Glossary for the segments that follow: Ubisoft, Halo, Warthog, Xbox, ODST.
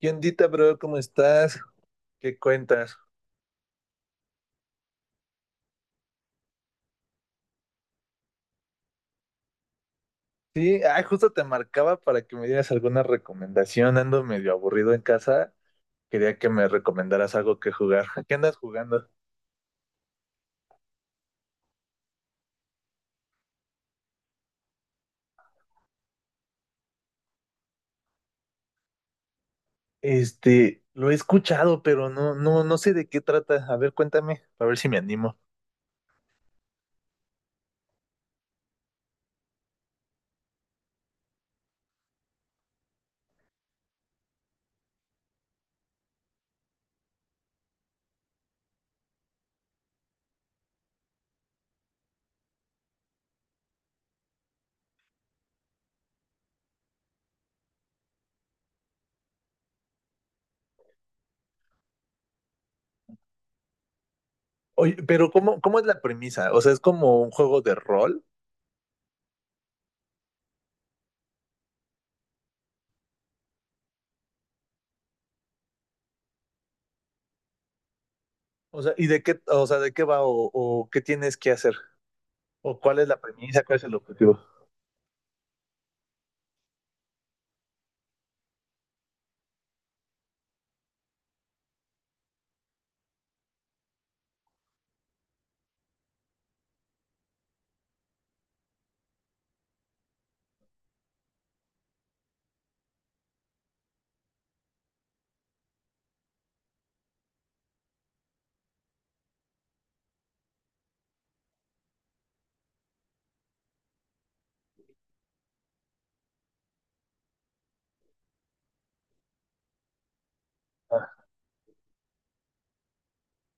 ¿Qué ondita, bro? ¿Cómo estás? ¿Qué cuentas? Sí, ay, justo te marcaba para que me dieras alguna recomendación. Ando medio aburrido en casa. Quería que me recomendaras algo que jugar. ¿Qué andas jugando? Este, lo he escuchado, pero no sé de qué trata. A ver, cuéntame, a ver si me animo. Oye, pero ¿cómo es la premisa? O sea, ¿es como un juego de rol? O sea, ¿y de qué, o sea, de qué va o qué tienes que hacer? ¿O cuál es la premisa? ¿Cuál es el objetivo? Ah.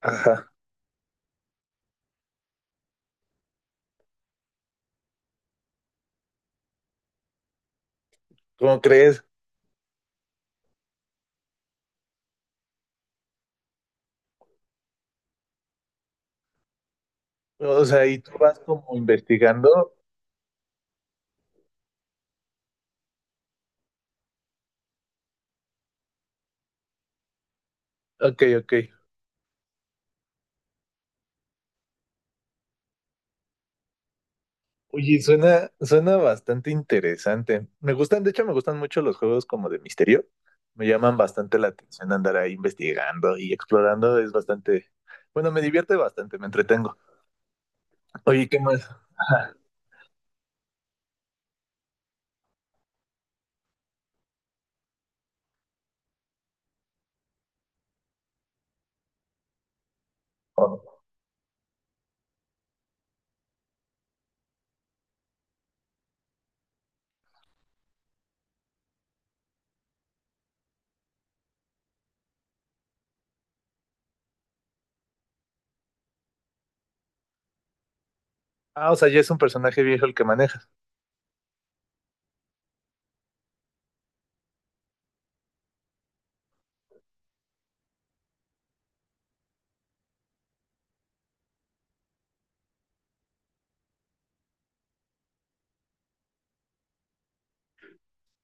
Ajá. ¿Cómo crees? O sea, y tú vas como investigando. Ok, ok. Oye, suena bastante interesante. Me gustan, de hecho, me gustan mucho los juegos como de misterio. Me llaman bastante la atención andar ahí investigando y explorando. Es bastante, bueno, me divierte bastante, me entretengo. Oye, ¿qué más? Ajá. Oh. Ah, o sea, ya es un personaje viejo el que manejas.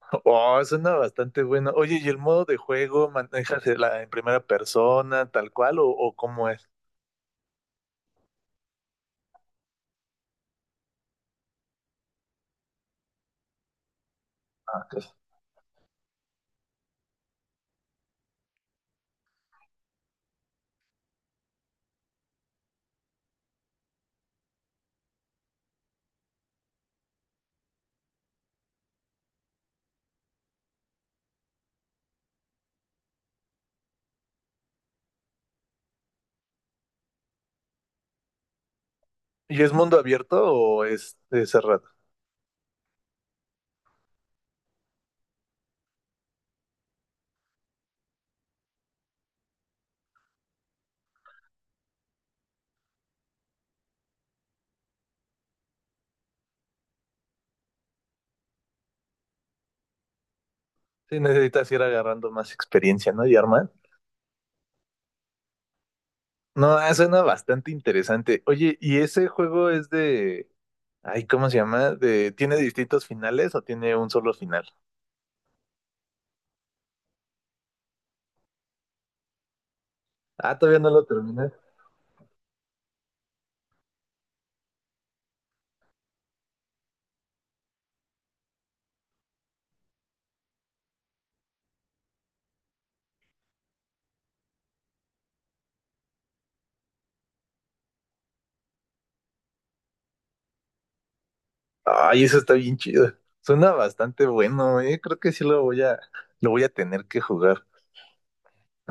Oh, suena bastante bueno. Oye, ¿y el modo de juego manejas la, en primera persona, tal cual, o cómo es? Ah, ok. ¿Y es mundo abierto o es cerrado? Sí, necesitas ir agarrando más experiencia, ¿no, Yarman? No, ah, suena bastante interesante. Oye, ¿y ese juego es de... ay, ¿cómo se llama? De... ¿tiene distintos finales o tiene un solo final? Ah, todavía no lo terminé. Ay, eso está bien chido. Suena bastante bueno, eh. Creo que sí lo voy a tener que jugar.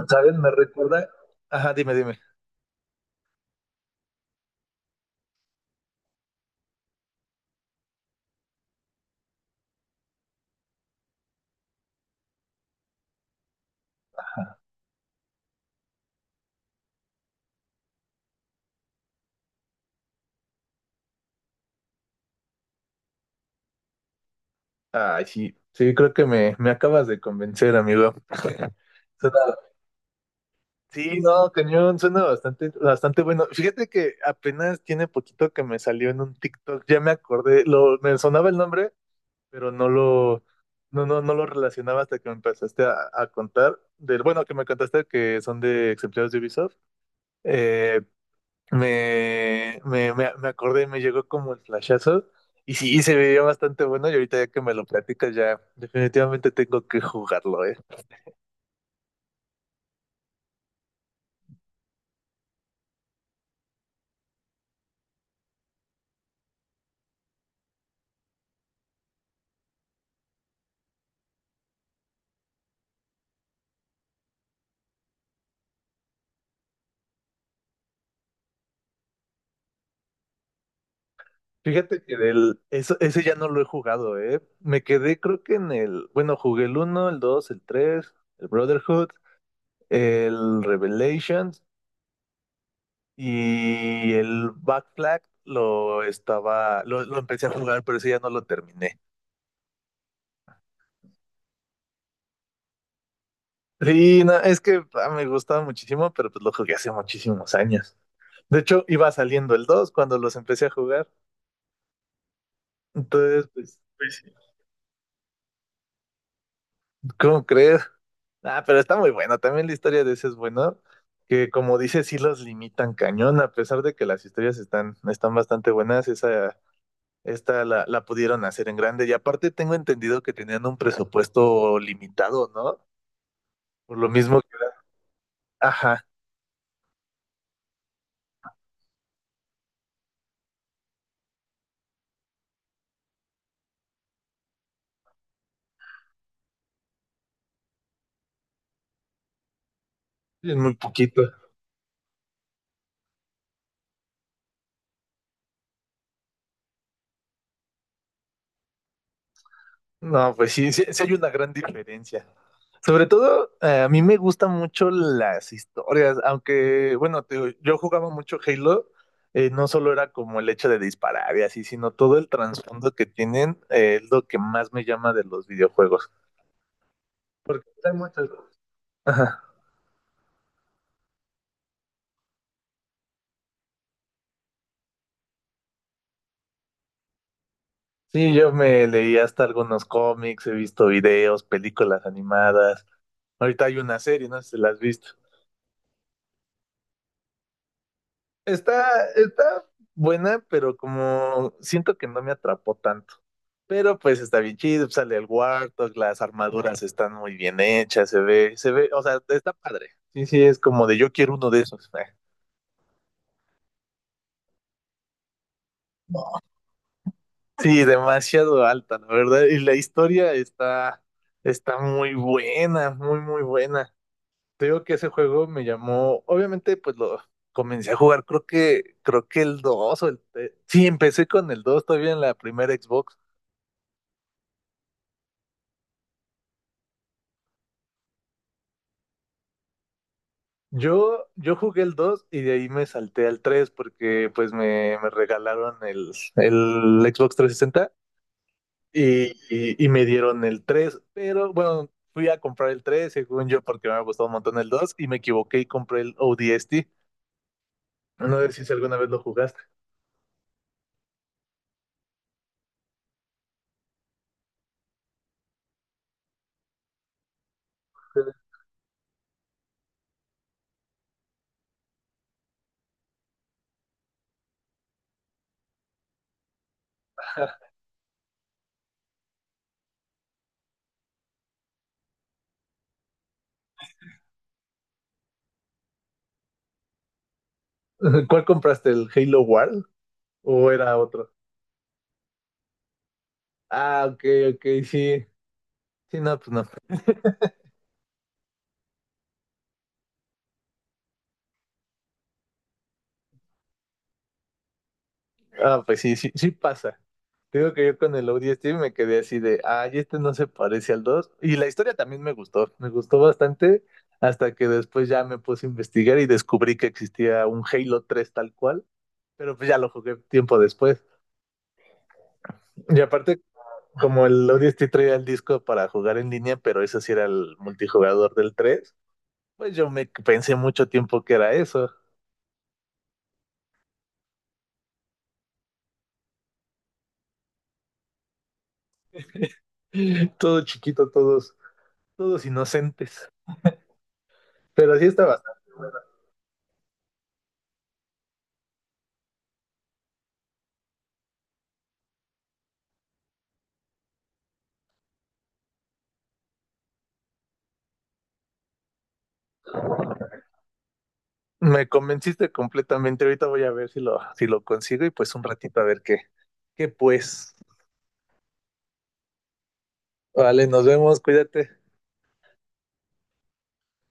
¿Sabes? Me recuerda... ajá, dime, dime. Ay, sí. Sí, creo que me acabas de convencer, amigo. Suena. Sí, no, cañón, suena bastante bueno. Fíjate que apenas tiene poquito que me salió en un TikTok, ya me acordé, lo, me sonaba el nombre, pero no lo relacionaba hasta que me empezaste a contar, del, bueno, que me contaste que son de exemplares de Ubisoft. Eh, me acordé, me llegó como el flashazo, y sí, se veía bastante bueno, y ahorita ya que me lo platicas, ya definitivamente tengo que jugarlo. Fíjate que del, eso, ese ya no lo he jugado, ¿eh? Me quedé creo que en el, bueno, jugué el uno, el 2, el 3, el Brotherhood, el Revelations y el Back Flag lo empecé a jugar, pero ese ya no lo terminé. Sí, no, es que ah, me gustaba muchísimo, pero pues lo jugué hace muchísimos años. De hecho, iba saliendo el 2 cuando los empecé a jugar. Entonces, pues... pues, ¿cómo crees? Ah, pero está muy bueno. También la historia de ese es bueno, que como dices, sí los limitan cañón. A pesar de que las historias están bastante buenas, esa, esta la pudieron hacer en grande. Y aparte tengo entendido que tenían un presupuesto limitado, ¿no? Por lo mismo que era... ajá, es muy poquito. No, pues sí, sí, sí hay una gran diferencia. Sobre todo, a mí me gustan mucho las historias, aunque, bueno, te digo, yo jugaba mucho Halo, no solo era como el hecho de disparar y así, sino todo el trasfondo que tienen, es lo que más me llama de los videojuegos. Porque hay muchos. Ajá. Sí, yo me leí hasta algunos cómics, he visto videos, películas animadas. Ahorita hay una serie, no sé si la has visto. Está, está buena, pero como siento que no me atrapó tanto. Pero pues está bien chido, sale el Warthog, las armaduras están muy bien hechas, se ve, o sea, está padre. Sí, sí, es como de yo quiero uno de esos. Sí, demasiado alta, la verdad. Y la historia está, está muy buena, muy, muy buena. Te digo que ese juego me llamó, obviamente, pues lo comencé a jugar, creo que el 2 o el... te- sí, empecé con el 2 todavía en la primera Xbox. Yo jugué el 2 y de ahí me salté al 3 porque pues me regalaron el Xbox 360 y me dieron el tres, pero bueno, fui a comprar el 3 según yo porque me había gustado un montón el 2 y me equivoqué y compré el ODST. No sé si alguna vez lo jugaste. ¿Cuál compraste? ¿El Halo World o era otro? Ah, ok, ok, sí. Sí, no, pues no. Ah, pues sí, sí, sí pasa. Digo que yo con el ODST me quedé así de, ay, este no se parece al dos. Y la historia también me gustó bastante, hasta que después ya me puse a investigar y descubrí que existía un Halo 3 tal cual, pero pues ya lo jugué tiempo después. Y aparte, como el ODST traía el disco para jugar en línea, pero eso sí era el multijugador del 3, pues yo me pensé mucho tiempo que era eso. Todo chiquito, todos, todos inocentes. Pero así está bastante. Bueno, me convenciste completamente. Ahorita voy a ver si lo, si lo consigo y pues un ratito a ver qué, qué pues. Vale, nos vemos, cuídate.